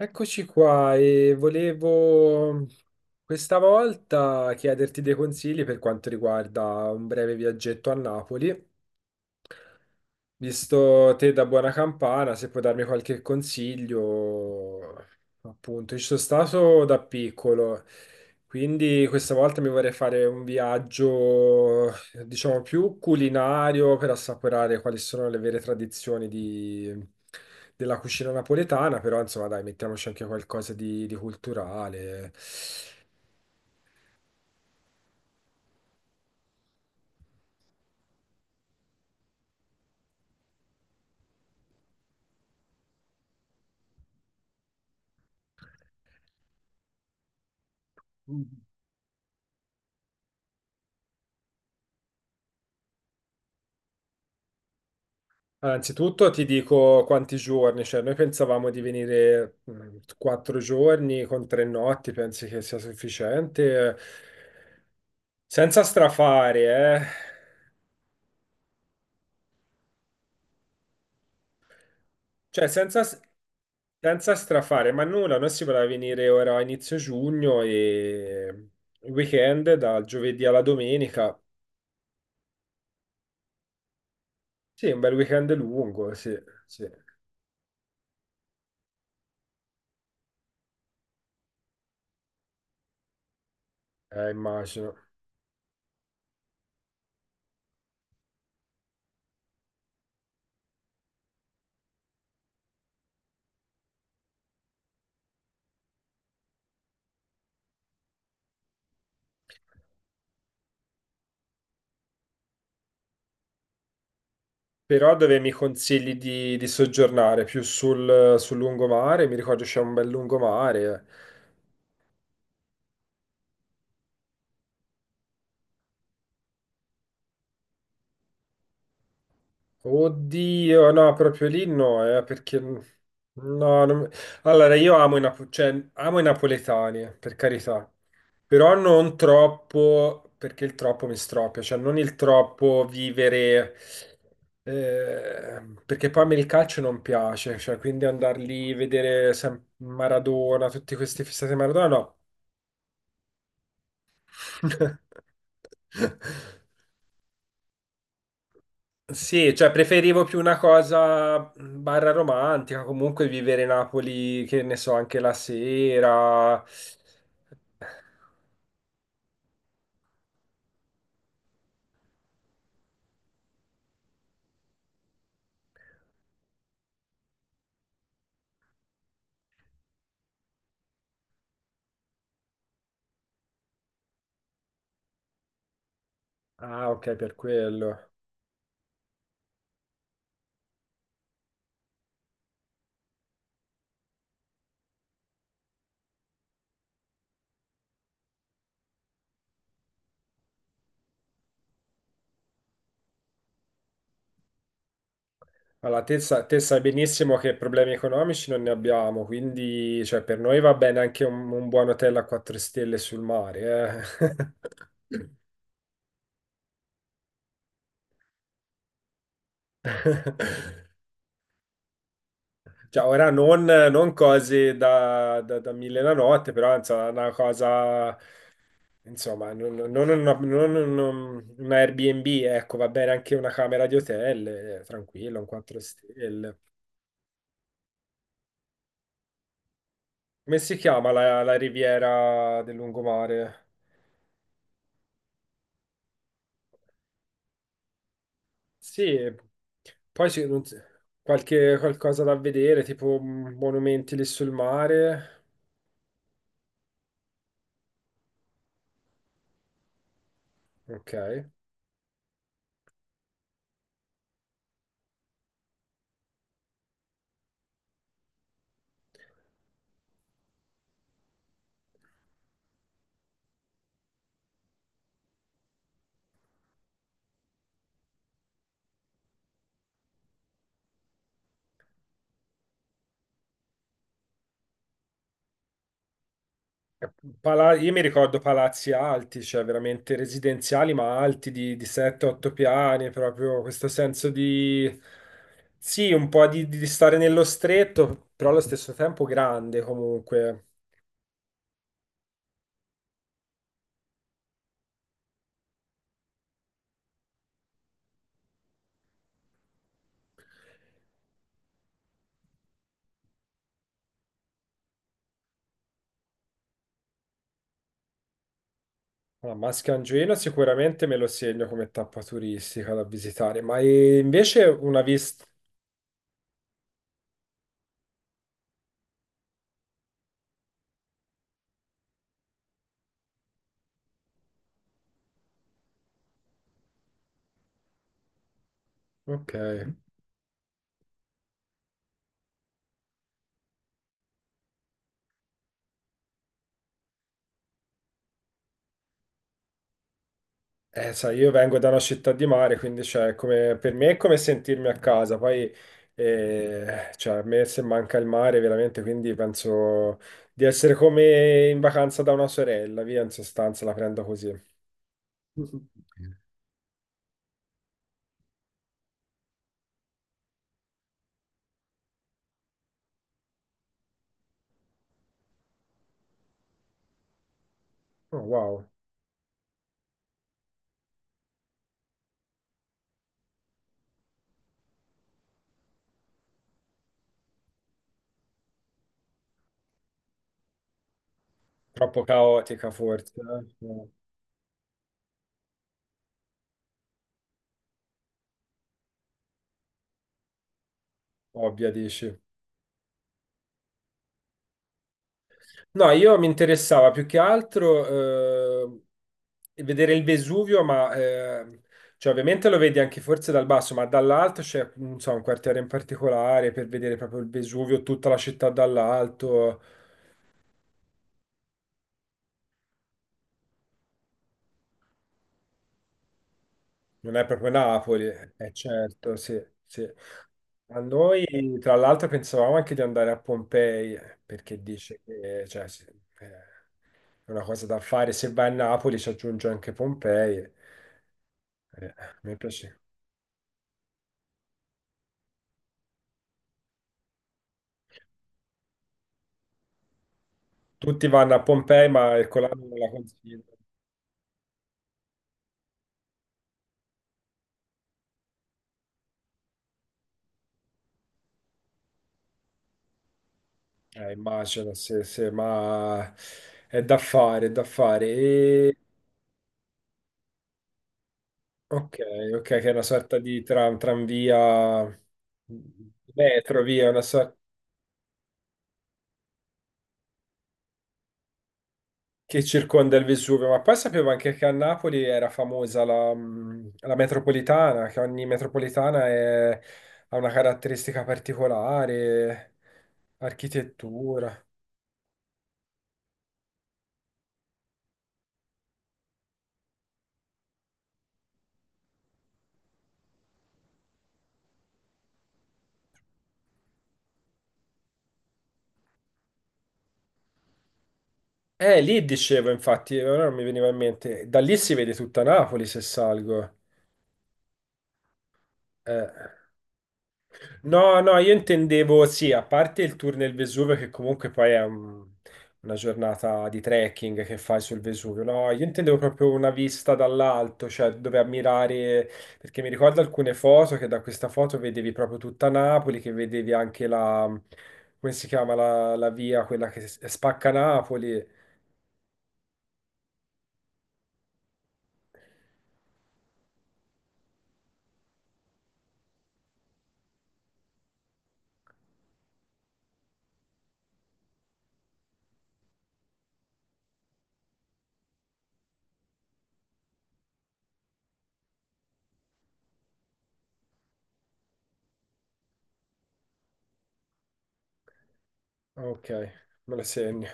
Eccoci qua e volevo questa volta chiederti dei consigli per quanto riguarda un breve viaggetto a Napoli. Visto te da buona campana, se puoi darmi qualche consiglio, appunto, ci sono stato da piccolo quindi questa volta mi vorrei fare un viaggio, diciamo, più culinario per assaporare quali sono le vere tradizioni della cucina napoletana, però insomma dai, mettiamoci anche qualcosa di culturale. Anzitutto ti dico quanti giorni, cioè noi pensavamo di venire quattro giorni con tre notti, pensi che sia sufficiente? Senza strafare, eh? Cioè, senza, senza strafare, ma nulla, noi si vorrà venire ora a inizio giugno e il weekend dal giovedì alla domenica. Sì, un bel weekend lungo, sì, sì, immagino. Però dove mi consigli di soggiornare? Più sul lungomare? Mi ricordo c'è un bel lungomare, eh. Oddio, no, proprio lì no, perché no, non- allora io amo cioè, amo i napoletani, per carità, però non troppo, perché il troppo mi stropia, cioè non il troppo vivere, perché poi a me il calcio non piace, cioè quindi andar lì, Maradona, tutti questi fissati a Maradona, no. Sì, cioè preferivo più una cosa barra romantica, comunque vivere Napoli, che ne so, anche la sera. Ah, ok, per quello. Allora, te, te sai benissimo che problemi economici non ne abbiamo, quindi cioè, per noi va bene anche un buon hotel a 4 stelle sul mare, eh. Cioè, ora non, non cose da mille la notte, però insomma, una cosa. Insomma, non una, non un- un Airbnb, ecco, va bene anche una camera di hotel, tranquillo, un 4 stelle. Come si chiama la riviera del lungomare? Sì, poi c'è non so, qualcosa da vedere, tipo mm, monumenti lì sul mare. Ok. Io mi ricordo palazzi alti, cioè veramente residenziali, ma alti di 7-8 piani, proprio questo senso di... Sì, un po' di stare nello stretto, però allo stesso tempo grande comunque. Ah, Maschio Angioino sicuramente me lo segno come tappa turistica da visitare, ma invece una vista... Ok. Sai, io vengo da una città di mare, quindi cioè, come, per me è come sentirmi a casa. Poi cioè, a me se manca il mare veramente, quindi penso di essere come in vacanza da una sorella, via, in sostanza la prendo così. Oh, wow, troppo caotica forse, eh? No, ovvia, dici. No, io mi interessava più che altro vedere il Vesuvio, ma cioè, ovviamente lo vedi anche forse dal basso, ma dall'alto c'è non so, un quartiere in particolare per vedere proprio il Vesuvio, tutta la città dall'alto. Non è proprio Napoli, è certo, sì, sì. A noi, tra l'altro, pensavamo anche di andare a Pompei, perché dice che cioè, sì, è una cosa da fare. Se vai a Napoli ci aggiunge anche Pompei. A me piace. Tutti vanno a Pompei, ma il Colano non la consiglio. Immagino, sì, sì, ma è da fare, è da fare. E... Ok, ok, che è una sorta di tram, tranvia, metro, via, una sorta che circonda il Vesuvio. Ma poi sapevo anche che a Napoli era famosa la, la metropolitana, che ogni ha una caratteristica particolare, architettura. Lì dicevo, infatti, ora non mi veniva in mente. Da lì si vede tutta Napoli se salgo. Eh. No, no, io intendevo, sì, a parte il tour nel Vesuvio, che comunque poi è un- una giornata di trekking che fai sul Vesuvio. No, io intendevo proprio una vista dall'alto, cioè dove ammirare, perché mi ricordo alcune foto che da questa foto vedevi proprio tutta Napoli, che vedevi anche la, come si chiama, la via, quella che spacca Napoli. Ok, me lo segno.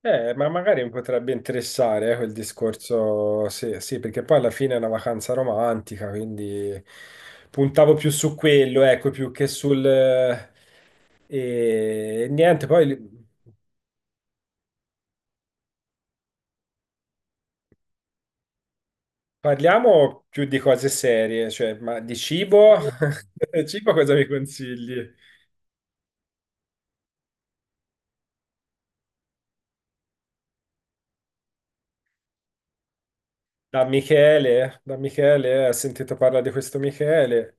Ma magari mi potrebbe interessare, quel discorso, sì, sì, perché poi alla fine è una vacanza romantica, quindi puntavo più su quello, ecco, più che sul... e niente, parliamo più di cose serie, cioè, ma di cibo? Cibo cosa mi consigli? Da Michele, ho sentito parlare di questo Michele,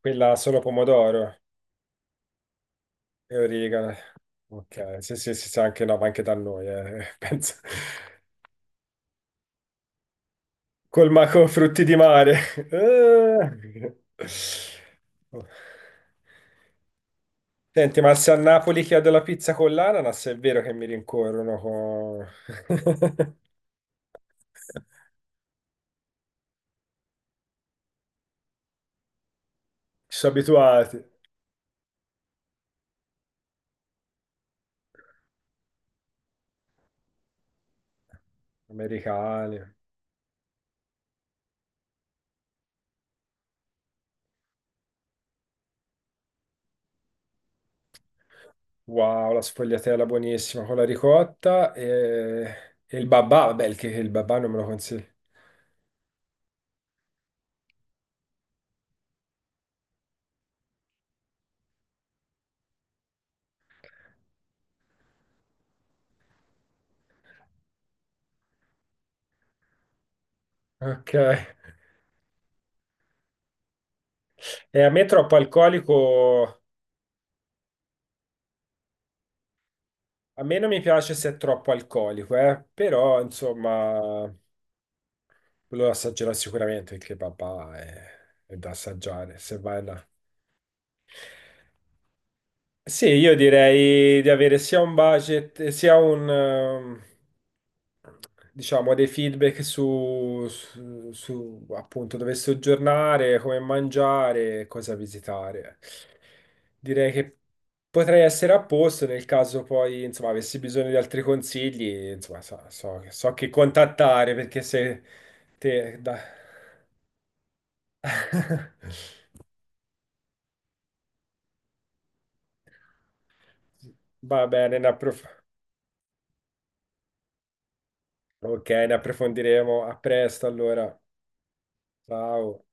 quella solo pomodoro e origano. Ok, sì, sì, sì, sì, anche no, ma anche da noi, penso. Col maco frutti di mare. Eh. Senti, ma se a Napoli chiedo la pizza con l'ananas, è vero che mi rincorrono con... Ci sono abituati. Americani. Wow, la sfogliatella buonissima con la ricotta e il babà. Vabbè, il babà non me lo consiglio. Ok. E a me troppo alcolico... A me non mi piace se è troppo alcolico, eh. Però, insomma... Quello lo assaggerò sicuramente perché papà è da assaggiare se vai là. Sì, io direi di avere sia un budget, sia un, diciamo, dei feedback su, appunto dove soggiornare, come mangiare, cosa visitare. Direi che potrei essere a posto nel caso poi, insomma, avessi bisogno di altri consigli, insomma, so, so che contattare perché se te da... Va bene, ok, ne approfondiremo. A presto allora. Ciao.